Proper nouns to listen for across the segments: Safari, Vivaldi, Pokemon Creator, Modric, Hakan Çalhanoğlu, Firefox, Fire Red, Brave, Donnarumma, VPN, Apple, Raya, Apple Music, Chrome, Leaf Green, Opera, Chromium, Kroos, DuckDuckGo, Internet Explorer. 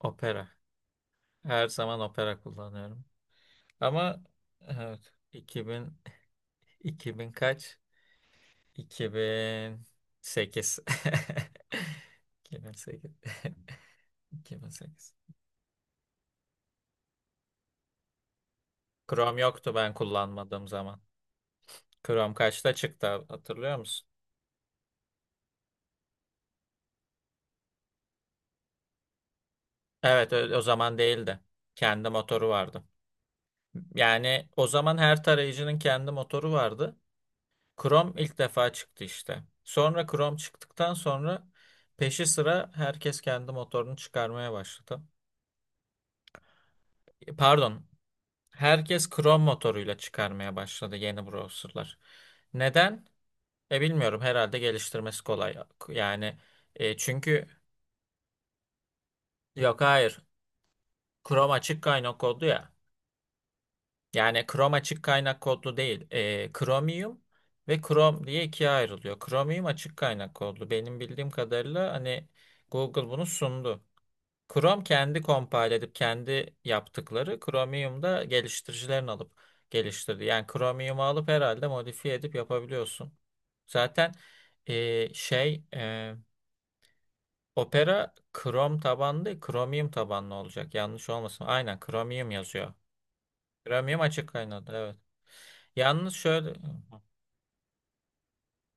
Opera. Her zaman Opera kullanıyorum. Ama evet, 2000 2000 kaç? 2008. 2008. 2008. Chrome yoktu ben kullanmadığım zaman. Chrome kaçta çıktı hatırlıyor musun? Evet, o zaman değildi. Kendi motoru vardı. Yani o zaman her tarayıcının kendi motoru vardı. Chrome ilk defa çıktı işte. Sonra Chrome çıktıktan sonra peşi sıra herkes kendi motorunu çıkarmaya başladı. Pardon, herkes Chrome motoruyla çıkarmaya başladı yeni browserlar. Neden? Bilmiyorum, herhalde geliştirmesi kolay. Yani çünkü yok, hayır, Chrome açık kaynak kodlu ya. Yani Chrome açık kaynak kodlu değil. Chromium ve Chrome diye ikiye ayrılıyor. Chromium açık kaynak kodlu. Benim bildiğim kadarıyla hani Google bunu sundu. Chrome kendi compile edip kendi yaptıkları Chromium'da geliştiricilerin alıp geliştirdi. Yani Chromium'u alıp herhalde modifiye edip yapabiliyorsun. Zaten e, şey e, Opera Chrome tabanlı değil, Chromium tabanlı olacak. Yanlış olmasın. Aynen Chromium yazıyor. Chromium açık kaynadı, evet. Yalnız şöyle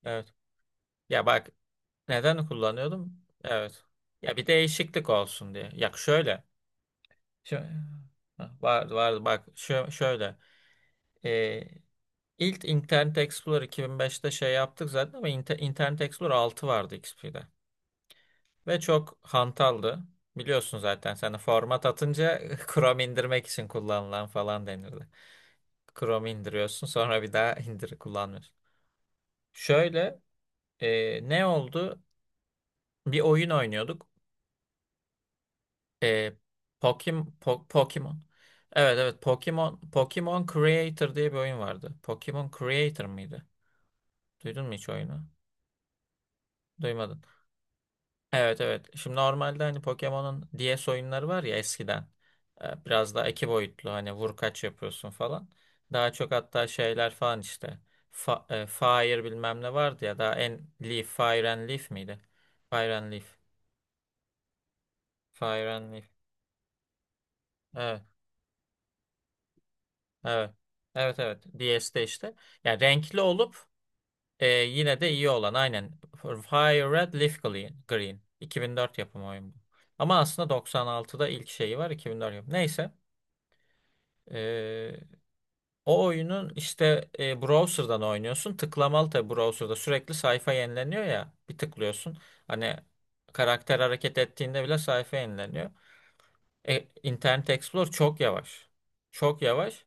evet. Ya bak, neden kullanıyordum? Evet. Ya bir değişiklik olsun diye. Ya şöyle. Şö- Var var, bak, şöyle. E, ilk Internet Explorer 2005'te şey yaptık zaten ama Internet Explorer 6 vardı XP'de. Ve çok hantaldı. Biliyorsun zaten, sen de format atınca Chrome indirmek için kullanılan falan denirdi. Chrome indiriyorsun, sonra bir daha indir kullanmıyorsun. Şöyle ne oldu? Bir oyun oynuyorduk. E, Pokemon. Evet, evet, Pokemon Creator diye bir oyun vardı. Pokemon Creator mıydı? Duydun mu hiç oyunu? Duymadın. Evet, evet. Şimdi normalde hani Pokemon'un DS oyunları var ya, eskiden. Biraz daha iki boyutlu, hani vur kaç yapıyorsun falan. Daha çok hatta şeyler falan işte. Fire bilmem ne vardı ya, daha en Leaf, Fire and Leaf miydi? Fire and Leaf. Fire and Leaf. Evet, evet. Evet, evet. DS'de işte. Yani renkli olup yine de iyi olan aynen. Fire Red Leaf Green. Green. 2004 yapımı oyun bu. Ama aslında 96'da ilk şeyi var, 2004 yapımı. Neyse. Ee, O oyunun işte browser'dan oynuyorsun. Tıklamalı tabii, browser'da sürekli sayfa yenileniyor ya. Bir tıklıyorsun. Hani karakter hareket ettiğinde bile sayfa yenileniyor. Internet Explorer çok yavaş. Çok yavaş.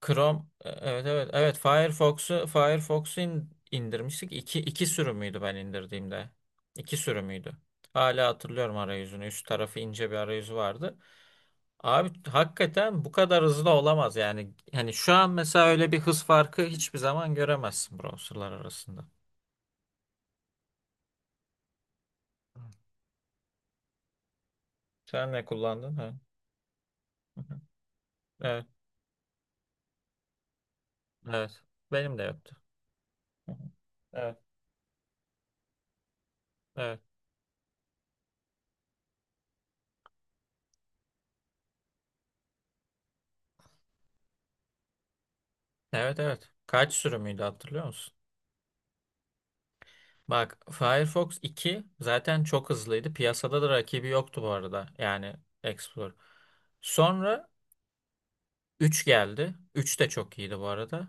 Chrome evet, evet, evet, Firefox'u indirmiştik. İki sürümüydü ben indirdiğimde. İki sürümüydü. Hala hatırlıyorum arayüzünü. Üst tarafı ince bir arayüzü vardı. Abi hakikaten bu kadar hızlı olamaz yani. Hani şu an mesela öyle bir hız farkı hiçbir zaman göremezsin browserlar arasında. Sen ne kullandın? Ha. Hı hı. Evet, evet. Benim de yoktu. Hı hı. Evet, evet. Evet, evet. Kaç sürümüydü hatırlıyor musun? Bak, Firefox 2 zaten çok hızlıydı. Piyasada da rakibi yoktu bu arada. Yani Explorer. Sonra 3 geldi. 3 de çok iyiydi bu arada.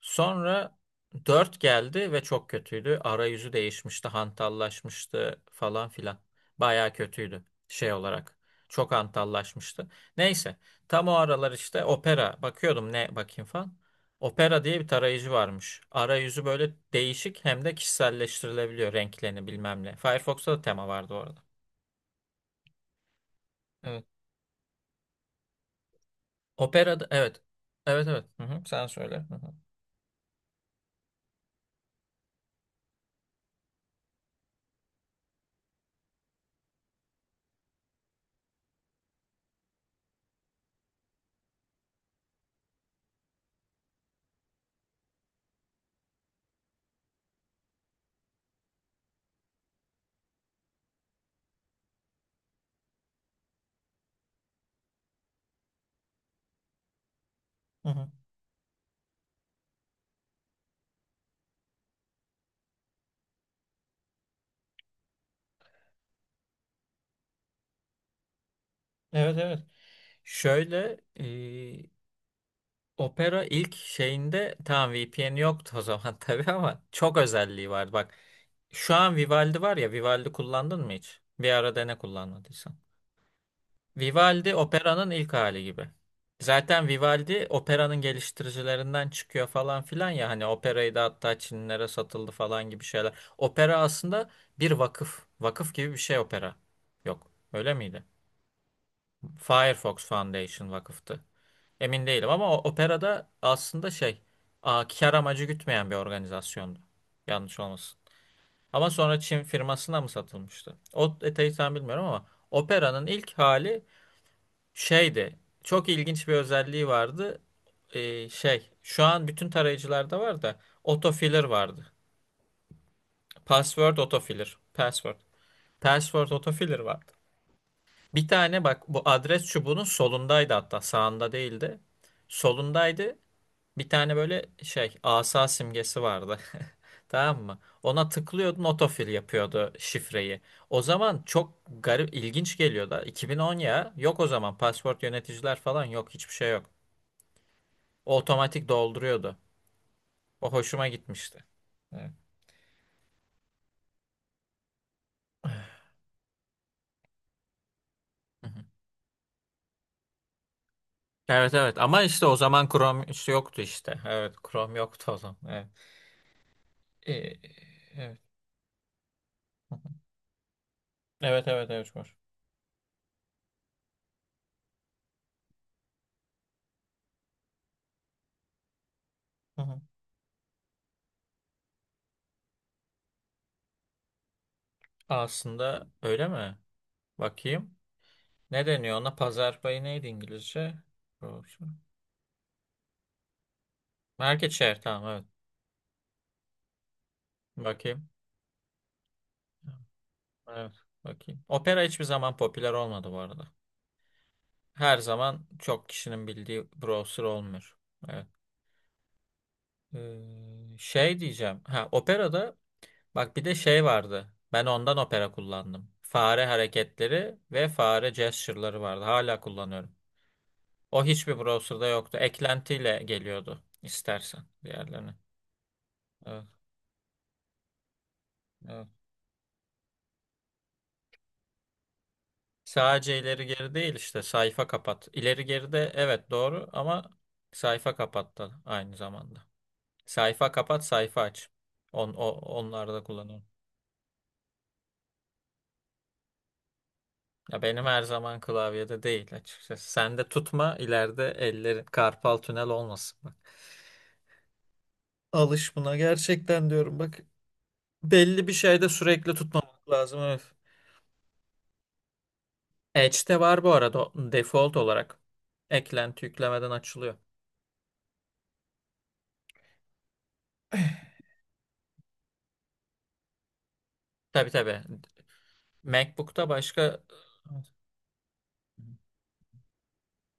Sonra 4 geldi ve çok kötüydü. Arayüzü değişmişti, hantallaşmıştı falan filan. Bayağı kötüydü şey olarak. Çok hantallaşmıştı. Neyse, tam o aralar işte Opera, bakıyordum ne bakayım falan. Opera diye bir tarayıcı varmış. Arayüzü böyle değişik, hem de kişiselleştirilebiliyor renklerini bilmem ne. Firefox'ta da tema vardı orada. Evet. Opera'da evet. Evet, evet. Hı hı. Sen söyle. Hı hı. Hı hı. Evet, evet. Şöyle Opera ilk şeyinde tamam, VPN yoktu o zaman, tabii, ama çok özelliği vardı. Bak, şu an Vivaldi var ya, Vivaldi kullandın mı hiç? Bir ara dene kullanmadıysan. Vivaldi Opera'nın ilk hali gibi. Zaten Vivaldi Opera'nın geliştiricilerinden çıkıyor falan filan ya, hani Opera'yı da hatta Çinlilere satıldı falan gibi şeyler. Opera aslında bir vakıf. Vakıf gibi bir şey Opera. Yok. Öyle miydi? Firefox Foundation vakıftı. Emin değilim ama o Operada aslında şey, kar amacı gütmeyen bir organizasyondu. Yanlış olmasın. Ama sonra Çin firmasına mı satılmıştı? O detayı tam bilmiyorum ama Operanın ilk hali şeydi. Çok ilginç bir özelliği vardı. Şey, şu an bütün tarayıcılarda var da autofiller vardı. Password autofiller. Password. Password autofiller vardı. Bir tane, bak, bu adres çubuğunun solundaydı, hatta sağında değildi. Solundaydı. Bir tane böyle şey asa simgesi vardı. Tamam mı? Ona tıklıyordun, otofil yapıyordu şifreyi. O zaman çok garip, ilginç geliyordu. 2010, ya yok, o zaman pasport yöneticiler falan yok, hiçbir şey yok. O otomatik dolduruyordu. O hoşuma gitmişti. Evet. Hı hı. Evet, evet, ama işte o zaman Chrome işte yoktu işte. Evet, Chrome yoktu o zaman. Evet. Ee, evet. Hı hı. Evet, evet, evet, var. Hı hı. Aslında öyle mi? Bakayım. Ne deniyor ona? Pazar payı neydi İngilizce? Doğrusu. Market share, tamam, evet. Bakayım. Evet, bakayım. Opera hiçbir zaman popüler olmadı bu arada. Her zaman çok kişinin bildiği browser olmuyor. Evet. Şey diyeceğim. Ha, Operada, bak, bir de şey vardı. Ben ondan Opera kullandım. Fare hareketleri ve fare gesture'ları vardı. Hala kullanıyorum. O hiçbir browser'da yoktu. Eklentiyle geliyordu istersen diğerlerine. Evet. Evet. Sadece ileri geri değil, işte sayfa kapat. İleri geri de evet doğru ama sayfa kapat da aynı zamanda. Sayfa kapat, sayfa aç. Onları da kullanıyorum. Ya benim her zaman klavyede değil açıkçası. Sen de tutma, ileride ellerin karpal tünel olmasın bak. Alış buna gerçekten, diyorum bak. Belli bir şeyde sürekli tutmamak lazım. Evet. Edge'de var bu arada o default olarak. Eklenti yüklemeden açılıyor. Tabii, tabii. MacBook'ta başka.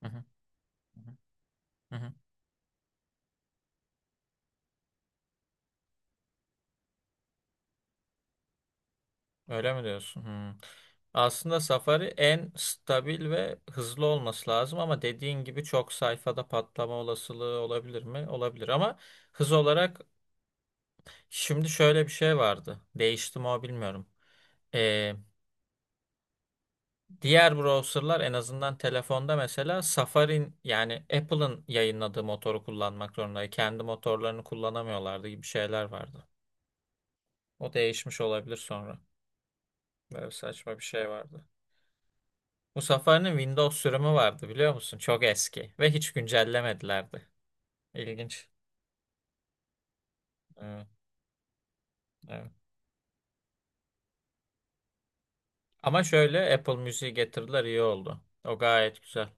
Hı hı, hı hı. Öyle mi diyorsun? Hmm. Aslında Safari en stabil ve hızlı olması lazım ama dediğin gibi çok sayfada patlama olasılığı olabilir mi? Olabilir, ama hız olarak şimdi şöyle bir şey vardı. Değişti mi o, bilmiyorum. Ee, Diğer browserlar en azından telefonda mesela Safari'nin, yani Apple'ın yayınladığı motoru kullanmak zorundaydı. Kendi motorlarını kullanamıyorlardı gibi şeyler vardı. O değişmiş olabilir sonra. Böyle saçma bir şey vardı. Bu Safari'nin Windows sürümü vardı, biliyor musun? Çok eski ve hiç güncellemedilerdi. İlginç. Evet, evet. Ama şöyle, Apple Müziği getirdiler, iyi oldu. O gayet güzel.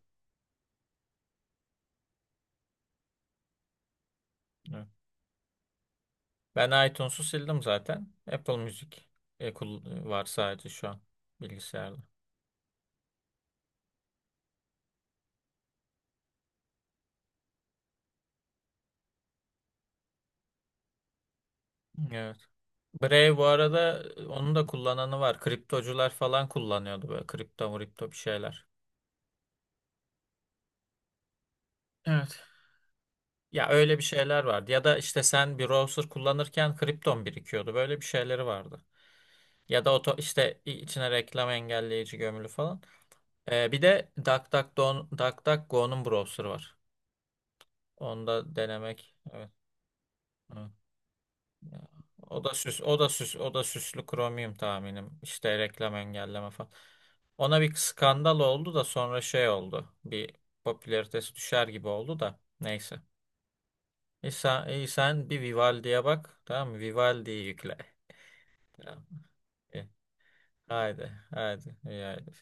Evet. Ben iTunes'u sildim zaten. Apple Müzik var sadece şu an bilgisayarda. Evet. Brave bu arada, onun da kullananı var. Kriptocular falan kullanıyordu, böyle kripto mripto bir şeyler. Evet. Ya öyle bir şeyler vardı. Ya da işte sen bir browser kullanırken kripton birikiyordu. Böyle bir şeyleri vardı. Ya da işte içine reklam engelleyici gömülü falan. Bir de DuckDuckGo, DuckDuckGo'nun browser'ı var. Onu da denemek. Evet. Evet. Ya, o da süslü Chromium tahminim. İşte reklam engelleme falan. Ona bir skandal oldu da sonra şey oldu. Bir popülaritesi düşer gibi oldu da. Neyse. İyi sen bir Vivaldi'ye bak. Tamam mı? Vivaldi'yi yükle. Tamam. İyi. Haydi, haydi, iyi haydi.